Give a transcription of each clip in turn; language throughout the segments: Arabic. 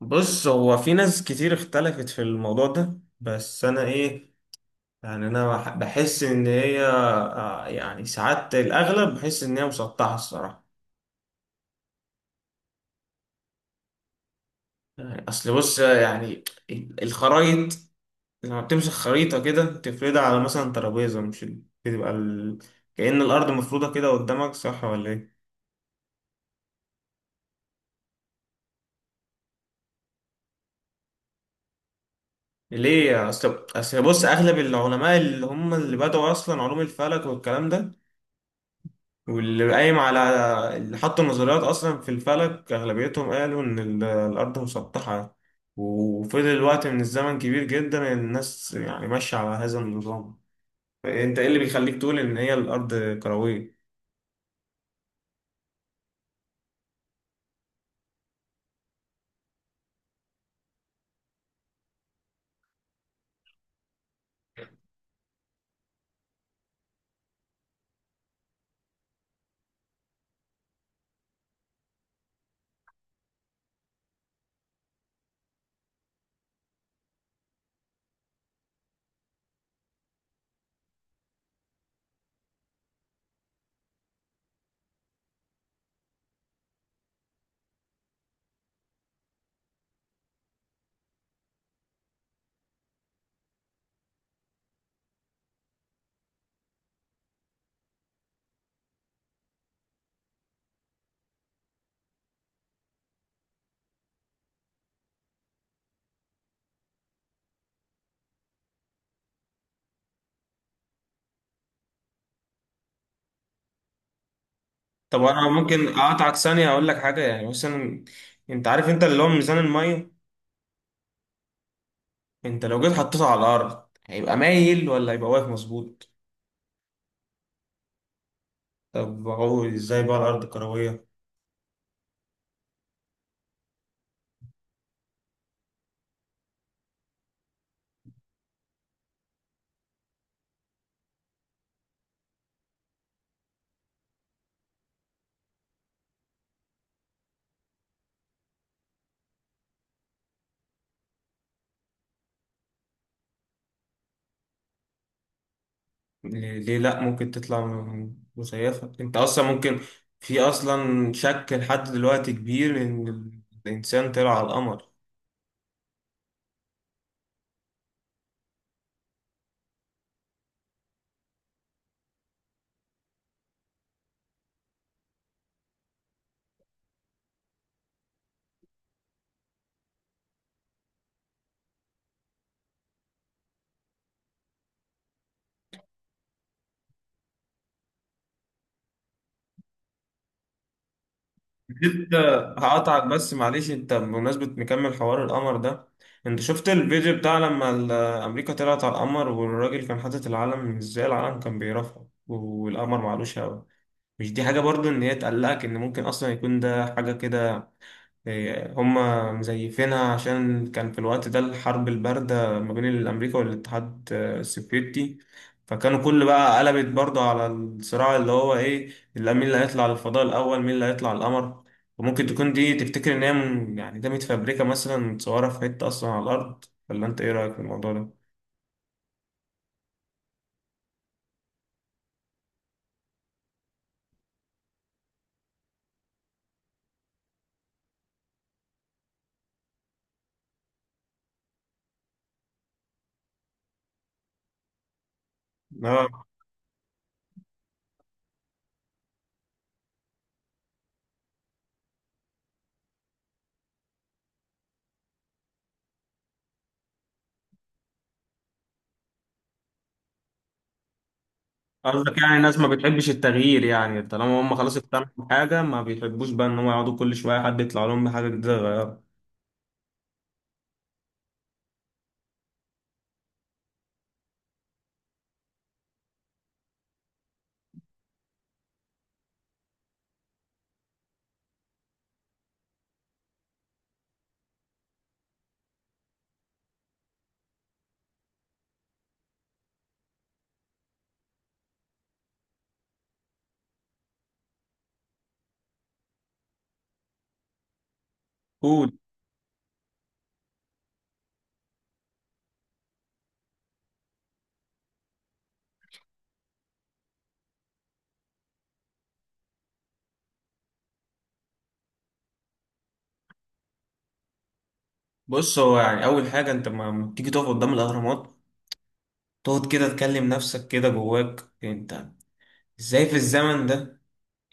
بص هو في ناس كتير اختلفت في الموضوع ده. بس انا ايه؟ بحس ان هي يعني ساعات الاغلب بحس ان هي مسطحه الصراحه. يعني اصل بص يعني الخرايط لما بتمسك خريطه كده تفردها على مثلا ترابيزه، مش بتبقى كأن الارض مفروضه كده قدامك، صح ولا ايه؟ ليه؟ اصل بص اغلب العلماء اللي هم اللي بدأوا اصلا علوم الفلك والكلام ده، واللي قايم على اللي حط النظريات أصلا في الفلك أغلبيتهم قالوا إن الأرض مسطحة، وفضل وقت من الزمن كبير جدا الناس يعني ماشية على هذا النظام. فأنت إيه اللي بيخليك تقول إن هي الأرض كروية؟ طب أنا ممكن أقطعك ثانية أقول لك حاجة. يعني مثلا أنت عارف أنت اللي هو ميزان المية، أنت لو جيت حطيته على الأرض هيبقى مايل ولا هيبقى واقف مظبوط؟ طب هو إزاي بقى الأرض كروية؟ ليه لا، ممكن تطلع مزيفة. انت اصلا ممكن، في اصلا شك لحد دلوقتي كبير ان الانسان طلع على القمر. انت هقطعك بس، معلش، انت بمناسبة مكمل حوار القمر ده، انت شفت الفيديو بتاع لما امريكا طلعت على القمر والراجل كان حاطط العلم؟ ازاي العلم كان بيرفعه والقمر معلوش هوا؟ مش دي حاجة برضو ان هي تقلقك، ان ممكن اصلا يكون ده حاجة كده؟ هما مزيفينها عشان كان في الوقت ده الحرب الباردة ما بين أمريكا والاتحاد السوفيتي، فكانوا كل بقى قلبت برضه على الصراع اللي هو إيه، اللي مين اللي هيطلع للفضاء الأول، مين اللي هيطلع القمر. وممكن تكون دي تفتكر إن هي يعني ده متفبركة، مثلا متصورة في حتة أصلا على الأرض، ولا أنت إيه رأيك في الموضوع ده؟ آه، قصدك يعني الناس ما بتحبش التغيير، يعني طالما هم خلاص اقتنعوا بحاجة ما بيحبوش بقى إن هم يقعدوا كل شوية حد يطلع لهم بحاجة جديدة يغيرها. قول. بص، هو يعني اول حاجه انت ما تيجي تقف قدام الاهرامات، تقعد كده تكلم نفسك كده جواك انت ازاي في الزمن ده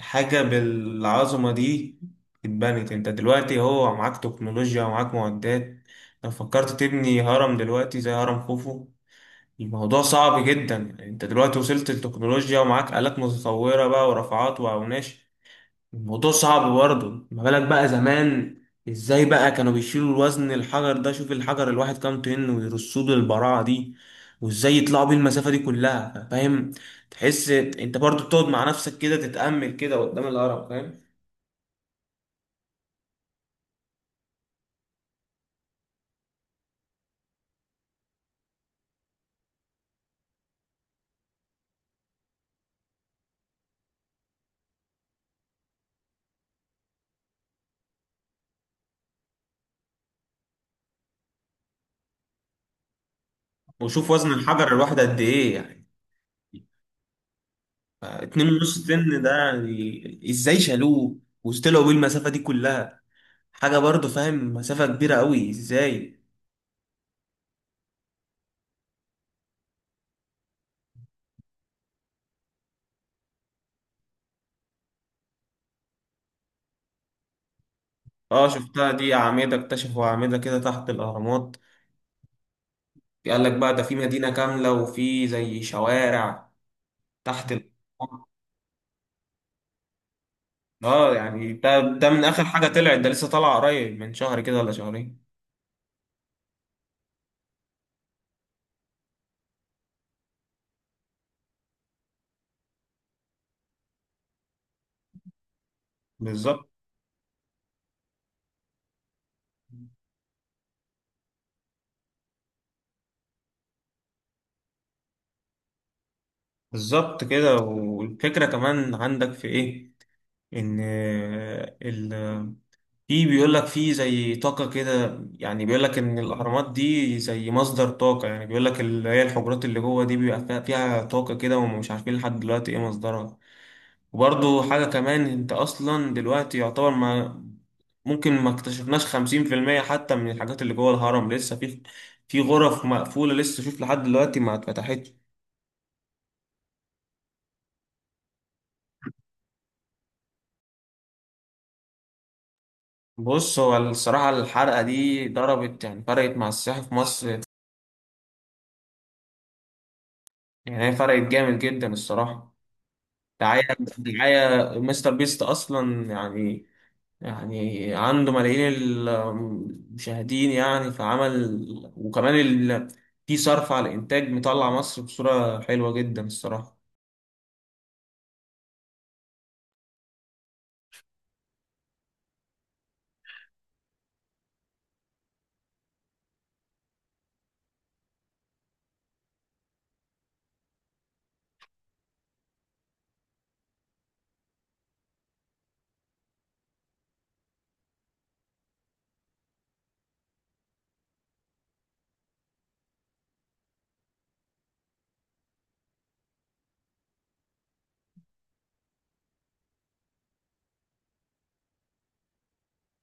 حاجه بالعظمه دي اتبنت. انت دلوقتي هو معاك تكنولوجيا ومعاك معدات، لو فكرت تبني هرم دلوقتي زي هرم خوفو الموضوع صعب جدا. انت دلوقتي وصلت للتكنولوجيا ومعاك آلات متطوره بقى ورافعات واوناش، الموضوع صعب برضه. ما بالك بقى زمان ازاي بقى كانوا بيشيلوا الوزن الحجر ده؟ شوف الحجر الواحد كام طن ويرصوه بالبراعة دي، وازاي يطلعوا بيه المسافة دي كلها، فاهم؟ تحس انت برضه بتقعد مع نفسك كده تتأمل كده قدام الهرم، فاهم؟ وشوف وزن الحجر الواحد قد ايه يعني. 2.5 طن، ده يعني ازاي شالوه وطلعوا بيه المسافة دي كلها، حاجة برضه، فاهم؟ مسافة كبيرة قوي، ازاي؟ اه شفتها دي، أعمدة اكتشفوا أعمدة كده تحت الأهرامات. قال لك بقى ده في مدينة كاملة وفي زي شوارع تحت اه يعني ده من آخر حاجة طلعت، ده لسه طالع قريب من شهر كده ولا شهرين. بالظبط. بالظبط كده. والفكرة كمان عندك في ايه، ان آه، ال في بيقول لك في زي طاقة كده، يعني بيقول لك إن الأهرامات دي زي مصدر طاقة، يعني بيقول لك اللي هي الحجرات اللي جوه دي بيبقى فيها طاقة كده ومش عارفين لحد دلوقتي إيه مصدرها. وبرضه حاجة كمان، انت اصلا دلوقتي يعتبر ما ممكن ما اكتشفناش 50% حتى من الحاجات اللي جوه الهرم، لسه في في غرف مقفولة لسه شوف لحد دلوقتي ما اتفتحتش. بص هو الصراحة الحرقة دي ضربت، يعني فرقت مع السياحة في مصر، يعني هي فرقت جامد جدا الصراحة. دعاية، دعاية مستر بيست أصلا يعني، يعني عنده ملايين المشاهدين يعني فعمل، وكمان في صرف على الإنتاج، مطلع مصر بصورة حلوة جدا الصراحة.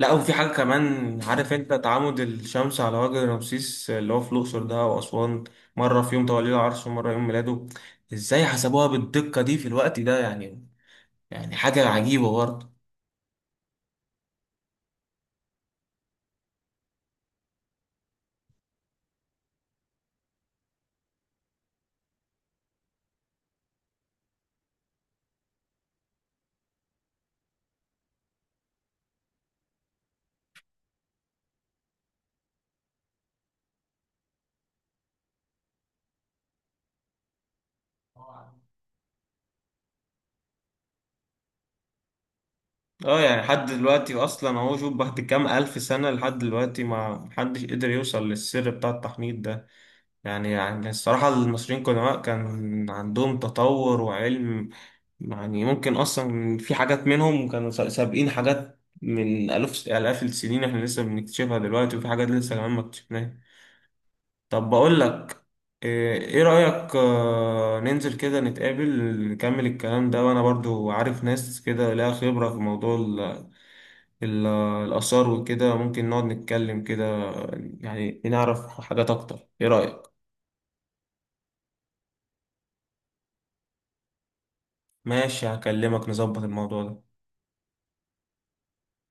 لا، وفي حاجة كمان، عارف انت تعامد الشمس على وجه رمسيس اللي هو في الأقصر ده وأسوان، مرة في يوم توليه العرش ومرة يوم ميلاده؟ ازاي حسبوها بالدقة دي في الوقت ده يعني؟ يعني حاجة عجيبة برضه. اه يعني لحد دلوقتي اصلا اهو، شوف بعد كام الف سنة لحد دلوقتي ما محدش قدر يوصل للسر بتاع التحنيط ده. يعني يعني الصراحة المصريين قدماء كان عندهم تطور وعلم، يعني ممكن أصلا في حاجات منهم كانوا سابقين حاجات من آلاف آلاف السنين إحنا لسه بنكتشفها دلوقتي، وفي حاجات لسه كمان ما اكتشفناها. طب بقول لك، إيه رأيك آه، ننزل كده نتقابل، نكمل الكلام ده، وأنا برضو عارف ناس كده لها خبرة في موضوع ال- الآثار وكده، ممكن نقعد نتكلم كده، يعني نعرف حاجات أكتر، إيه رأيك؟ ماشي، هكلمك نظبط الموضوع ده.